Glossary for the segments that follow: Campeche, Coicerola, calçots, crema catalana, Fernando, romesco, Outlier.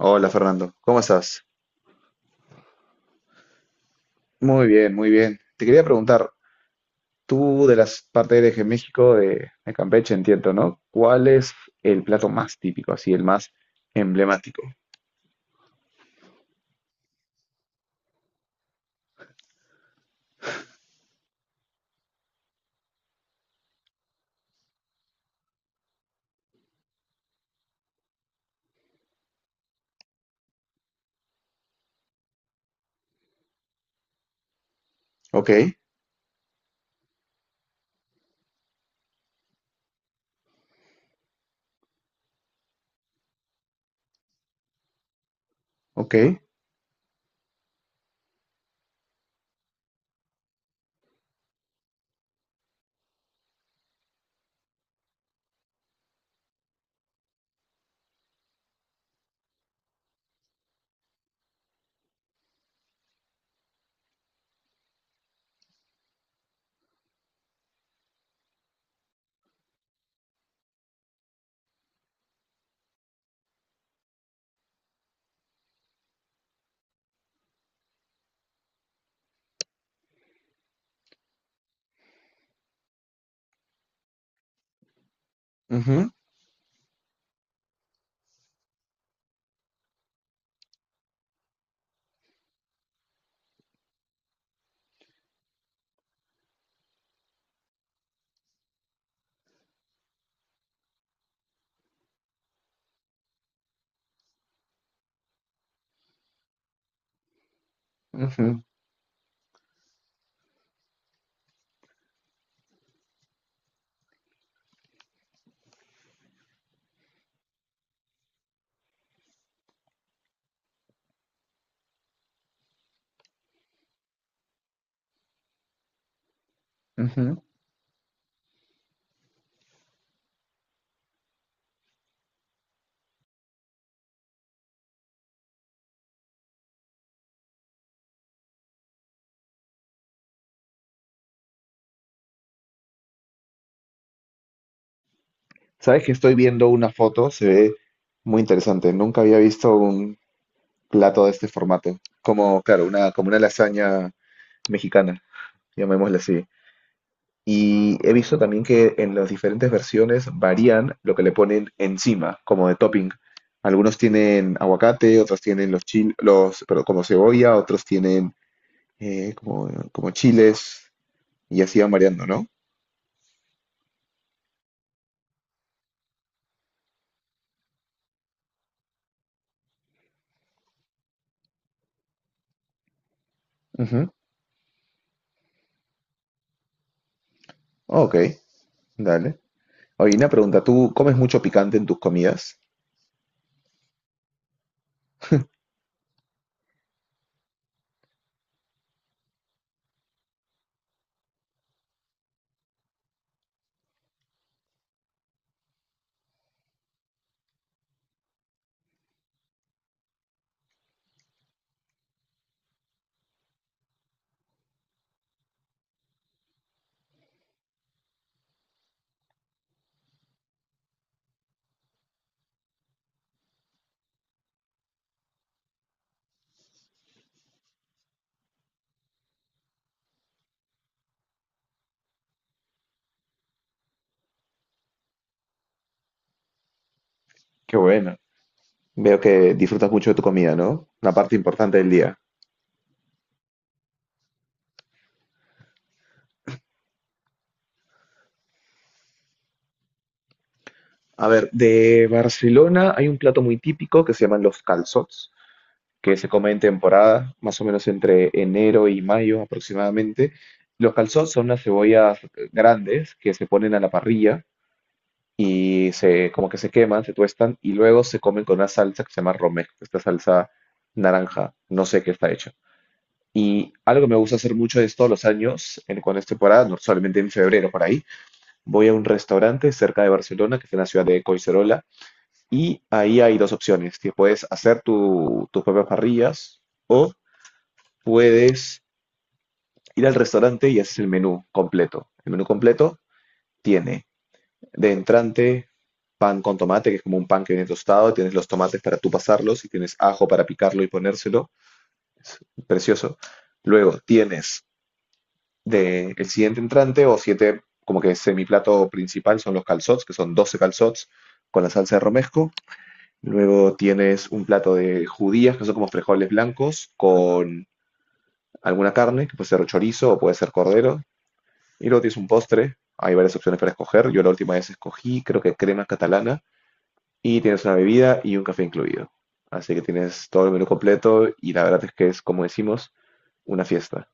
Hola Fernando, ¿cómo estás? Muy bien, muy bien. Te quería preguntar, tú de las partes eres de México, de Campeche, entiendo, ¿no? ¿Cuál es el plato más típico, así, el más emblemático? Ok, ok. Ujú, ujú, ujú. Sabes que estoy viendo una foto, se ve muy interesante. Nunca había visto un plato de este formato. Como, claro, como una lasaña mexicana, llamémosla así. Y he visto también que en las diferentes versiones varían lo que le ponen encima, como de topping. Algunos tienen aguacate, otros tienen pero como cebolla, otros tienen como chiles, y así van variando, ¿no? Ujú. Ok, dale. Oye, una pregunta, ¿tú comes mucho picante en tus comidas? Qué bueno. Veo que disfrutas mucho de tu comida, ¿no? La parte importante del día. A ver, de Barcelona hay un plato muy típico que se llaman los calçots, que se come en temporada, más o menos entre enero y mayo aproximadamente. Los calzots son unas cebollas grandes que se ponen a la parrilla y se, como que se queman, se tuestan y luego se comen con una salsa que se llama romesco, esta salsa naranja, no sé qué está hecha. Y algo que me gusta hacer mucho es todos los años, en, cuando es temporada, no solamente en febrero por ahí, voy a un restaurante cerca de Barcelona, que está en la ciudad de Coicerola, y ahí hay dos opciones: que puedes hacer tus propias parrillas o puedes ir al restaurante y haces el menú completo. El menú completo tiene de entrante pan con tomate, que es como un pan que viene tostado, tienes los tomates para tú pasarlos y tienes ajo para picarlo y ponérselo. Es precioso. Luego tienes de el siguiente entrante o siete, como que semiplato principal son los calzots, que son 12 calzots con la salsa de romesco. Luego tienes un plato de judías, que son como frijoles blancos, con alguna carne, que puede ser chorizo o puede ser cordero. Y luego tienes un postre, hay varias opciones para escoger. Yo la última vez escogí, creo que crema catalana, y tienes una bebida y un café incluido. Así que tienes todo el menú completo y la verdad es que es, como decimos, una fiesta.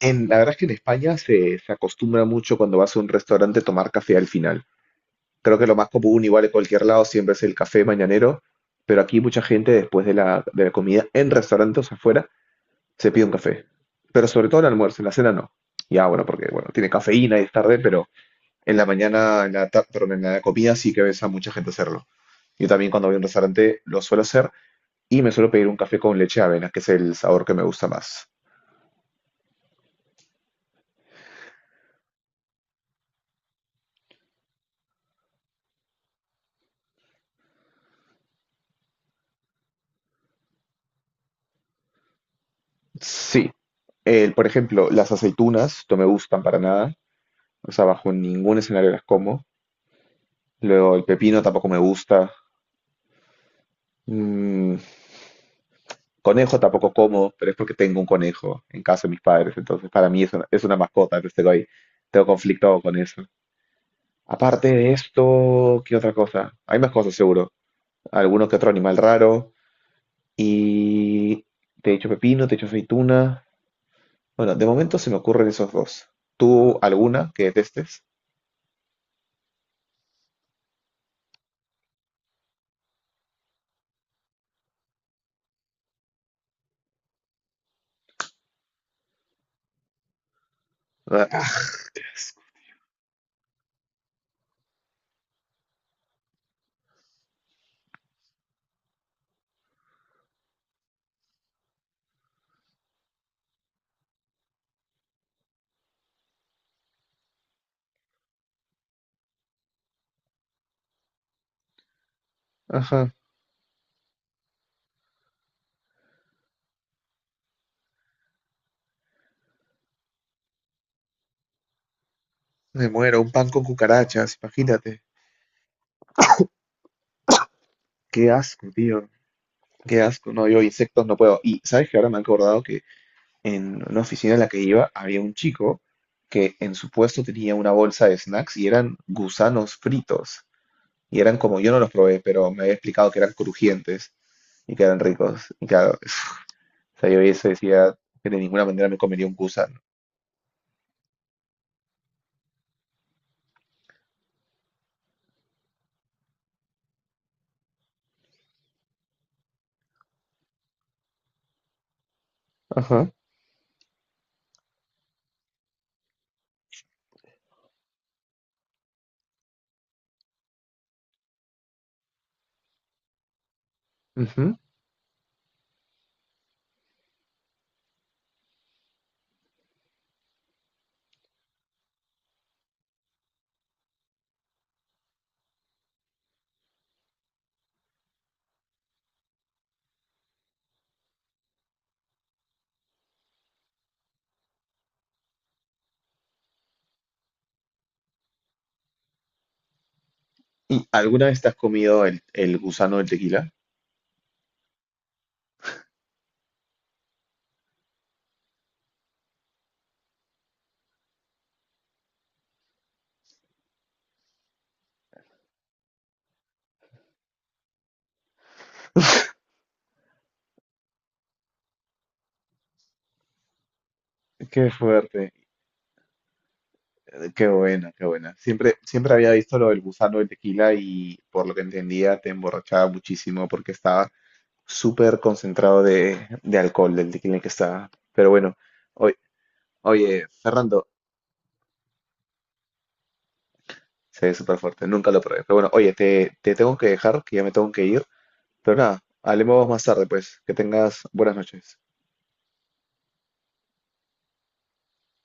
La verdad es que en España se acostumbra mucho cuando vas a un restaurante tomar café al final. Creo que lo más común, igual en cualquier lado, siempre es el café mañanero, pero aquí mucha gente después de la comida en restaurantes afuera se pide un café. Pero sobre todo en el almuerzo, en la cena no. Ya, bueno, porque bueno, tiene cafeína y es tarde, pero en la mañana, en la tarde, perdón, en la comida sí que ves a mucha gente hacerlo. Yo también cuando voy a un restaurante lo suelo hacer y me suelo pedir un café con leche de avena, que es el sabor que me gusta más. Sí. El, por ejemplo, las aceitunas no me gustan para nada. O sea, bajo ningún escenario las como. Luego el pepino tampoco me gusta. Mm, conejo tampoco como, pero es porque tengo un conejo en casa de mis padres. Entonces, para mí es una mascota, entonces tengo ahí, tengo conflicto con eso. Aparte de esto, ¿qué otra cosa? Hay más cosas seguro. Algunos que otro animal raro y te he dicho pepino, te he dicho aceituna. Bueno, de momento se me ocurren esos dos. ¿Tú alguna que detestes? Ah, ah, ajá, me muero, un pan con cucarachas, imagínate. Qué asco, tío. Qué asco. No, yo insectos no puedo. Y sabes que ahora me he acordado que en una oficina en la que iba había un chico que en su puesto tenía una bolsa de snacks y eran gusanos fritos. Y eran como, yo no los probé, pero me había explicado que eran crujientes y que eran ricos. Y claro, o sea, yo vi eso y decía que de ninguna manera me comería un gusano. Ajá. Ujú. ¿Y alguna vez te has comido el gusano del tequila? Qué fuerte, qué buena, qué buena. Siempre, siempre había visto lo del gusano del tequila y por lo que entendía te emborrachaba muchísimo porque estaba súper concentrado de alcohol del tequila en que estaba. Pero bueno, oye, oye, Fernando, se ve súper fuerte, nunca lo probé. Pero bueno, oye, te tengo que dejar, que ya me tengo que ir. Pero nada, hablemos más tarde, pues. Que tengas buenas noches.